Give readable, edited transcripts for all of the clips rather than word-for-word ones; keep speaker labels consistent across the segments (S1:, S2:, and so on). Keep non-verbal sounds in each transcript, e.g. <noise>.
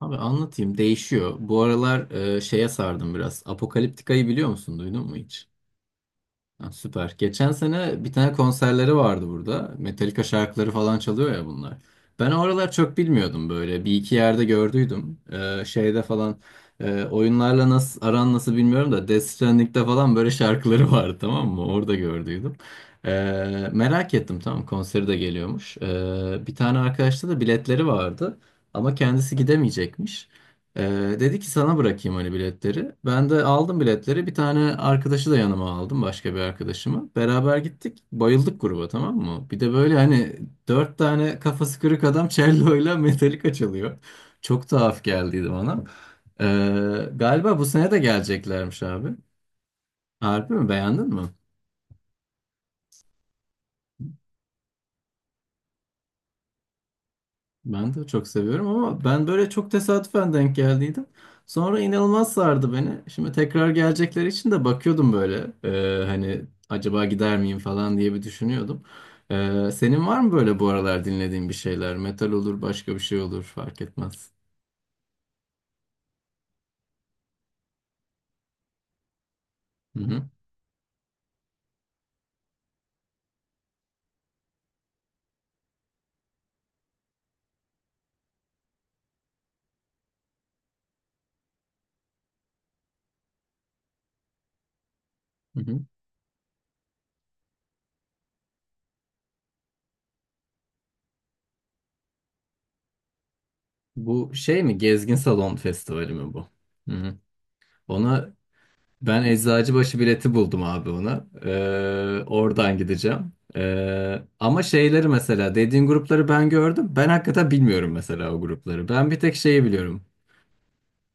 S1: Abi anlatayım. Değişiyor. Bu aralar şeye sardım biraz. Apokaliptika'yı biliyor musun? Duydun mu hiç? Ha, süper. Geçen sene bir tane konserleri vardı burada. Metallica şarkıları falan çalıyor ya bunlar. Ben o aralar çok bilmiyordum böyle. Bir iki yerde gördüydüm. Şeyde falan oyunlarla nasıl aran nasıl bilmiyorum da Death Stranding'de falan böyle şarkıları vardı, tamam mı? Orada gördüydüm. E, merak ettim, tamam, konseri de geliyormuş. E, bir tane arkadaşta da biletleri vardı. Ama kendisi gidemeyecekmiş. Dedi ki sana bırakayım hani biletleri. Ben de aldım biletleri. Bir tane arkadaşı da yanıma aldım. Başka bir arkadaşımı. Beraber gittik. Bayıldık gruba, tamam mı? Bir de böyle hani dört tane kafası kırık adam cello'yla <laughs> Metallica çalıyor. Çok tuhaf geldiydi bana. Galiba bu sene de geleceklermiş abi. Harbi mi? Beğendin mi? Ben de çok seviyorum ama ben böyle çok tesadüfen denk geldiydim. Sonra inanılmaz sardı beni. Şimdi tekrar gelecekleri için de bakıyordum böyle. Hani acaba gider miyim falan diye bir düşünüyordum. Senin var mı böyle bu aralar dinlediğin bir şeyler? Metal olur, başka bir şey olur, fark etmez. Hı hı, hı hı. Bu şey mi? Gezgin Salon Festivali mi bu? Hı hı. Ona Ben Eczacıbaşı bileti buldum abi ona. Oradan gideceğim. Ama şeyleri mesela dediğin grupları ben gördüm. Ben hakikaten bilmiyorum mesela o grupları. Ben bir tek şeyi biliyorum.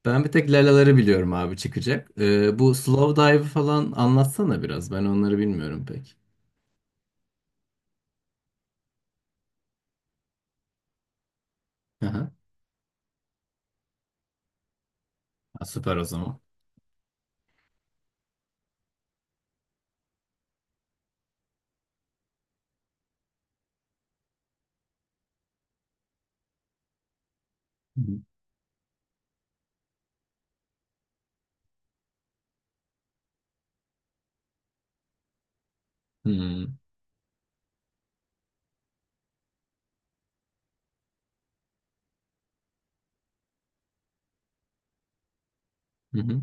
S1: Ben bir tek Lalaları biliyorum abi çıkacak. Bu Slow Dive'ı falan anlatsana biraz. Ben onları bilmiyorum pek. Aha. Ha, süper o zaman. Hı hı. Hı hı.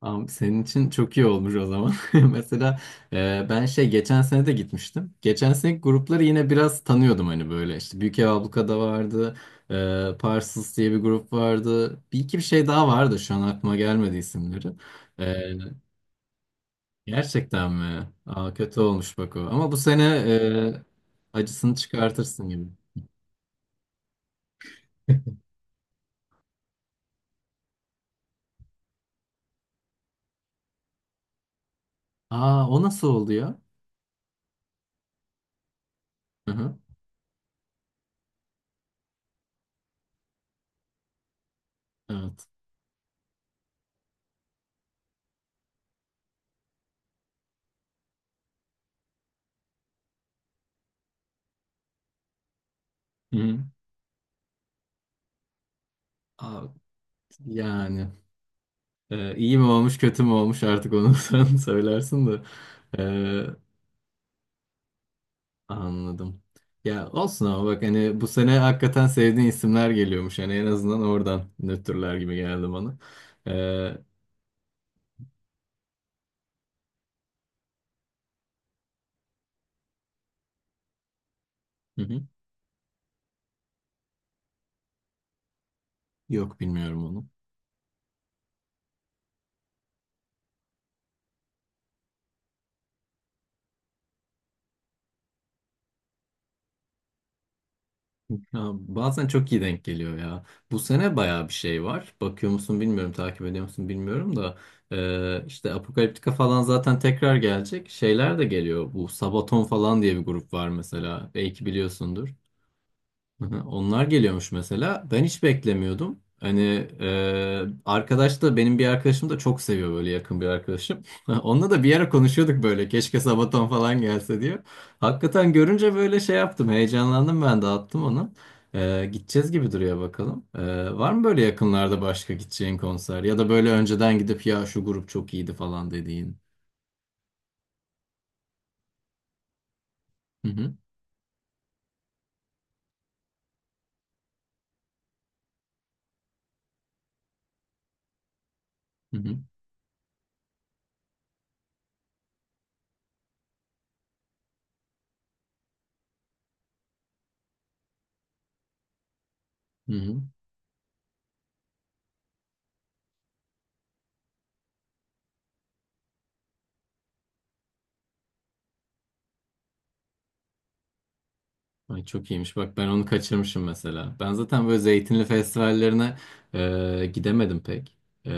S1: Tamam, senin için çok iyi olmuş o zaman. <laughs> Mesela ben şey geçen sene de gitmiştim. Geçen sene grupları yine biraz tanıyordum hani böyle işte Büyük Ev Abluka'da vardı. E, Parsons diye bir grup vardı. Bir iki bir şey daha vardı şu an aklıma gelmedi isimleri. E, gerçekten mi? Aa, kötü olmuş bak o. Ama bu sene acısını çıkartırsın gibi. <laughs> Aa, o nasıl oldu ya? Hı hı, evet. Hı hı. Aa, yani. İyi mi olmuş kötü mü olmuş artık onu <laughs> sen söylersin de. Ee, anladım. Ya olsun ama bak hani bu sene hakikaten sevdiğin isimler geliyormuş. Hani en azından oradan nötrler gibi geldi bana. Hı hı. Yok bilmiyorum onu. Ya, bazen çok iyi denk geliyor ya. Bu sene bayağı bir şey var. Bakıyor musun bilmiyorum, takip ediyor musun bilmiyorum da. İşte Apokaliptika falan zaten tekrar gelecek. Şeyler de geliyor. Bu Sabaton falan diye bir grup var mesela. Belki biliyorsundur. Hı hı. Onlar geliyormuş mesela. Ben hiç beklemiyordum. Hani arkadaş da benim bir arkadaşım da çok seviyor böyle, yakın bir arkadaşım. <laughs> Onunla da bir ara konuşuyorduk böyle, keşke Sabaton falan gelse diyor. Hakikaten görünce böyle şey yaptım, heyecanlandım, ben de attım onu. Gideceğiz gibi duruyor bakalım. Var mı böyle yakınlarda başka gideceğin konser ya da böyle önceden gidip ya şu grup çok iyiydi falan dediğin? Hı hı, hı hı, hı hı. Ay, çok iyiymiş. Bak ben onu kaçırmışım mesela. Ben zaten böyle zeytinli festivallerine gidemedim pek. E,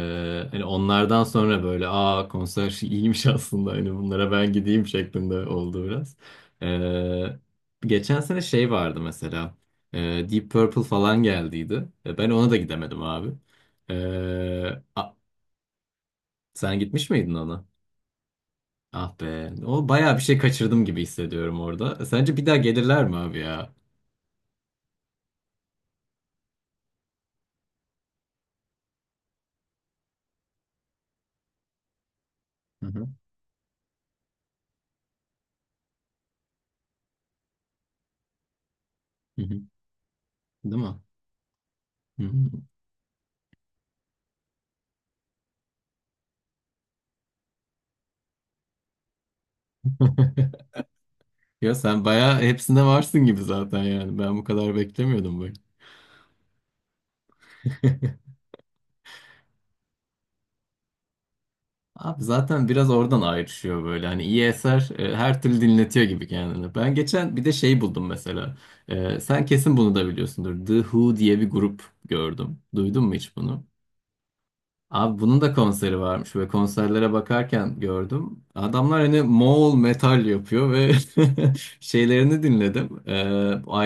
S1: hani onlardan sonra böyle, aa konser <laughs> şey iyiymiş aslında, hani bunlara ben gideyim şeklinde oldu biraz. Geçen sene şey vardı mesela. E, Deep Purple falan geldiydi. Ben ona da gidemedim abi. E, a- sen gitmiş miydin ona? Ah be. O bayağı bir şey kaçırdım gibi hissediyorum orada. E, sence bir daha gelirler mi abi ya? Hı hı. Hı hı. Değil mi? Hmm. <laughs> Ya sen bayağı hepsinde varsın gibi zaten yani. Ben bu kadar beklemiyordum böyle. Abi zaten biraz oradan ayrışıyor böyle. Hani iyi eser her türlü dinletiyor gibi kendini. Ben geçen bir de şey buldum mesela. Sen kesin bunu da biliyorsundur. The Who diye bir grup gördüm. Duydun mu hiç bunu? Abi bunun da konseri varmış ve konserlere bakarken gördüm. Adamlar hani Moğol metal yapıyor ve <laughs> şeylerini dinledim.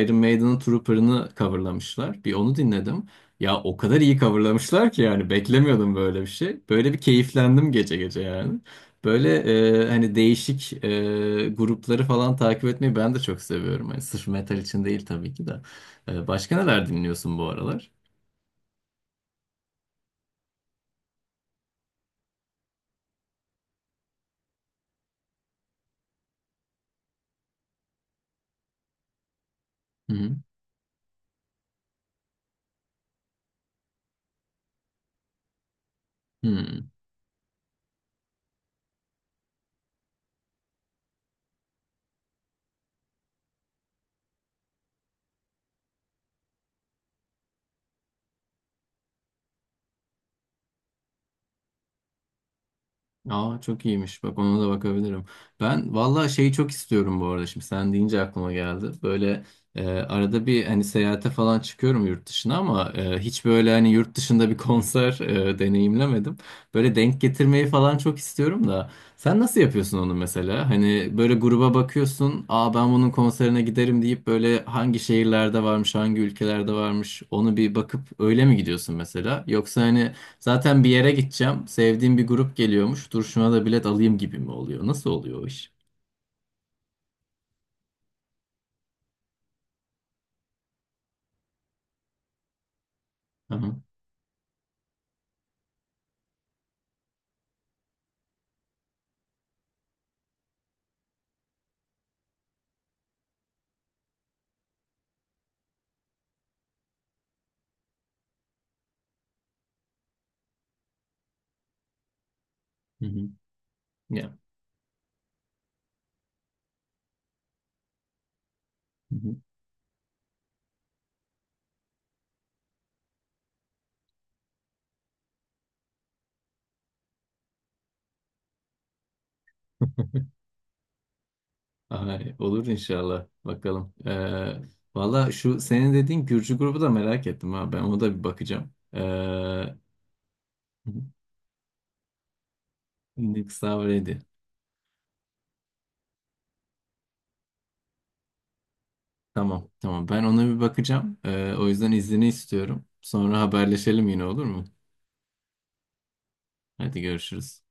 S1: Iron Maiden'ın Trooper'ını coverlamışlar. Bir onu dinledim. Ya o kadar iyi coverlamışlar ki yani beklemiyordum böyle bir şey. Böyle bir keyiflendim gece gece yani. Böyle hani değişik grupları falan takip etmeyi ben de çok seviyorum. Hani sırf metal için değil tabii ki de. Başka neler dinliyorsun bu aralar? Hı hı. Hı. Aa, çok iyiymiş. Bak ona da bakabilirim. Ben vallahi şeyi çok istiyorum bu arada. Şimdi sen deyince aklıma geldi. Böyle arada bir hani seyahate falan çıkıyorum yurt dışına ama hiç böyle hani yurt dışında bir <laughs> konser deneyimlemedim. Böyle denk getirmeyi falan çok istiyorum da. Sen nasıl yapıyorsun onu mesela? Hani böyle gruba bakıyorsun. Aa, ben bunun konserine giderim deyip böyle hangi şehirlerde varmış, hangi ülkelerde varmış onu bir bakıp öyle mi gidiyorsun mesela? Yoksa hani zaten bir yere gideceğim, sevdiğim bir grup geliyormuş, dur şuna da bilet alayım gibi mi oluyor? Nasıl oluyor o iş? Aha. Hı hı. Ya. Hı hı. <laughs> Ay, olur inşallah. Bakalım. Valla şu senin dediğin Gürcü grubu da merak ettim ha. Ben ona da bir bakacağım. Nixavre'di. Tamam, tamam. Ben ona bir bakacağım. O yüzden iznini istiyorum. Sonra haberleşelim yine, olur mu? Hadi görüşürüz.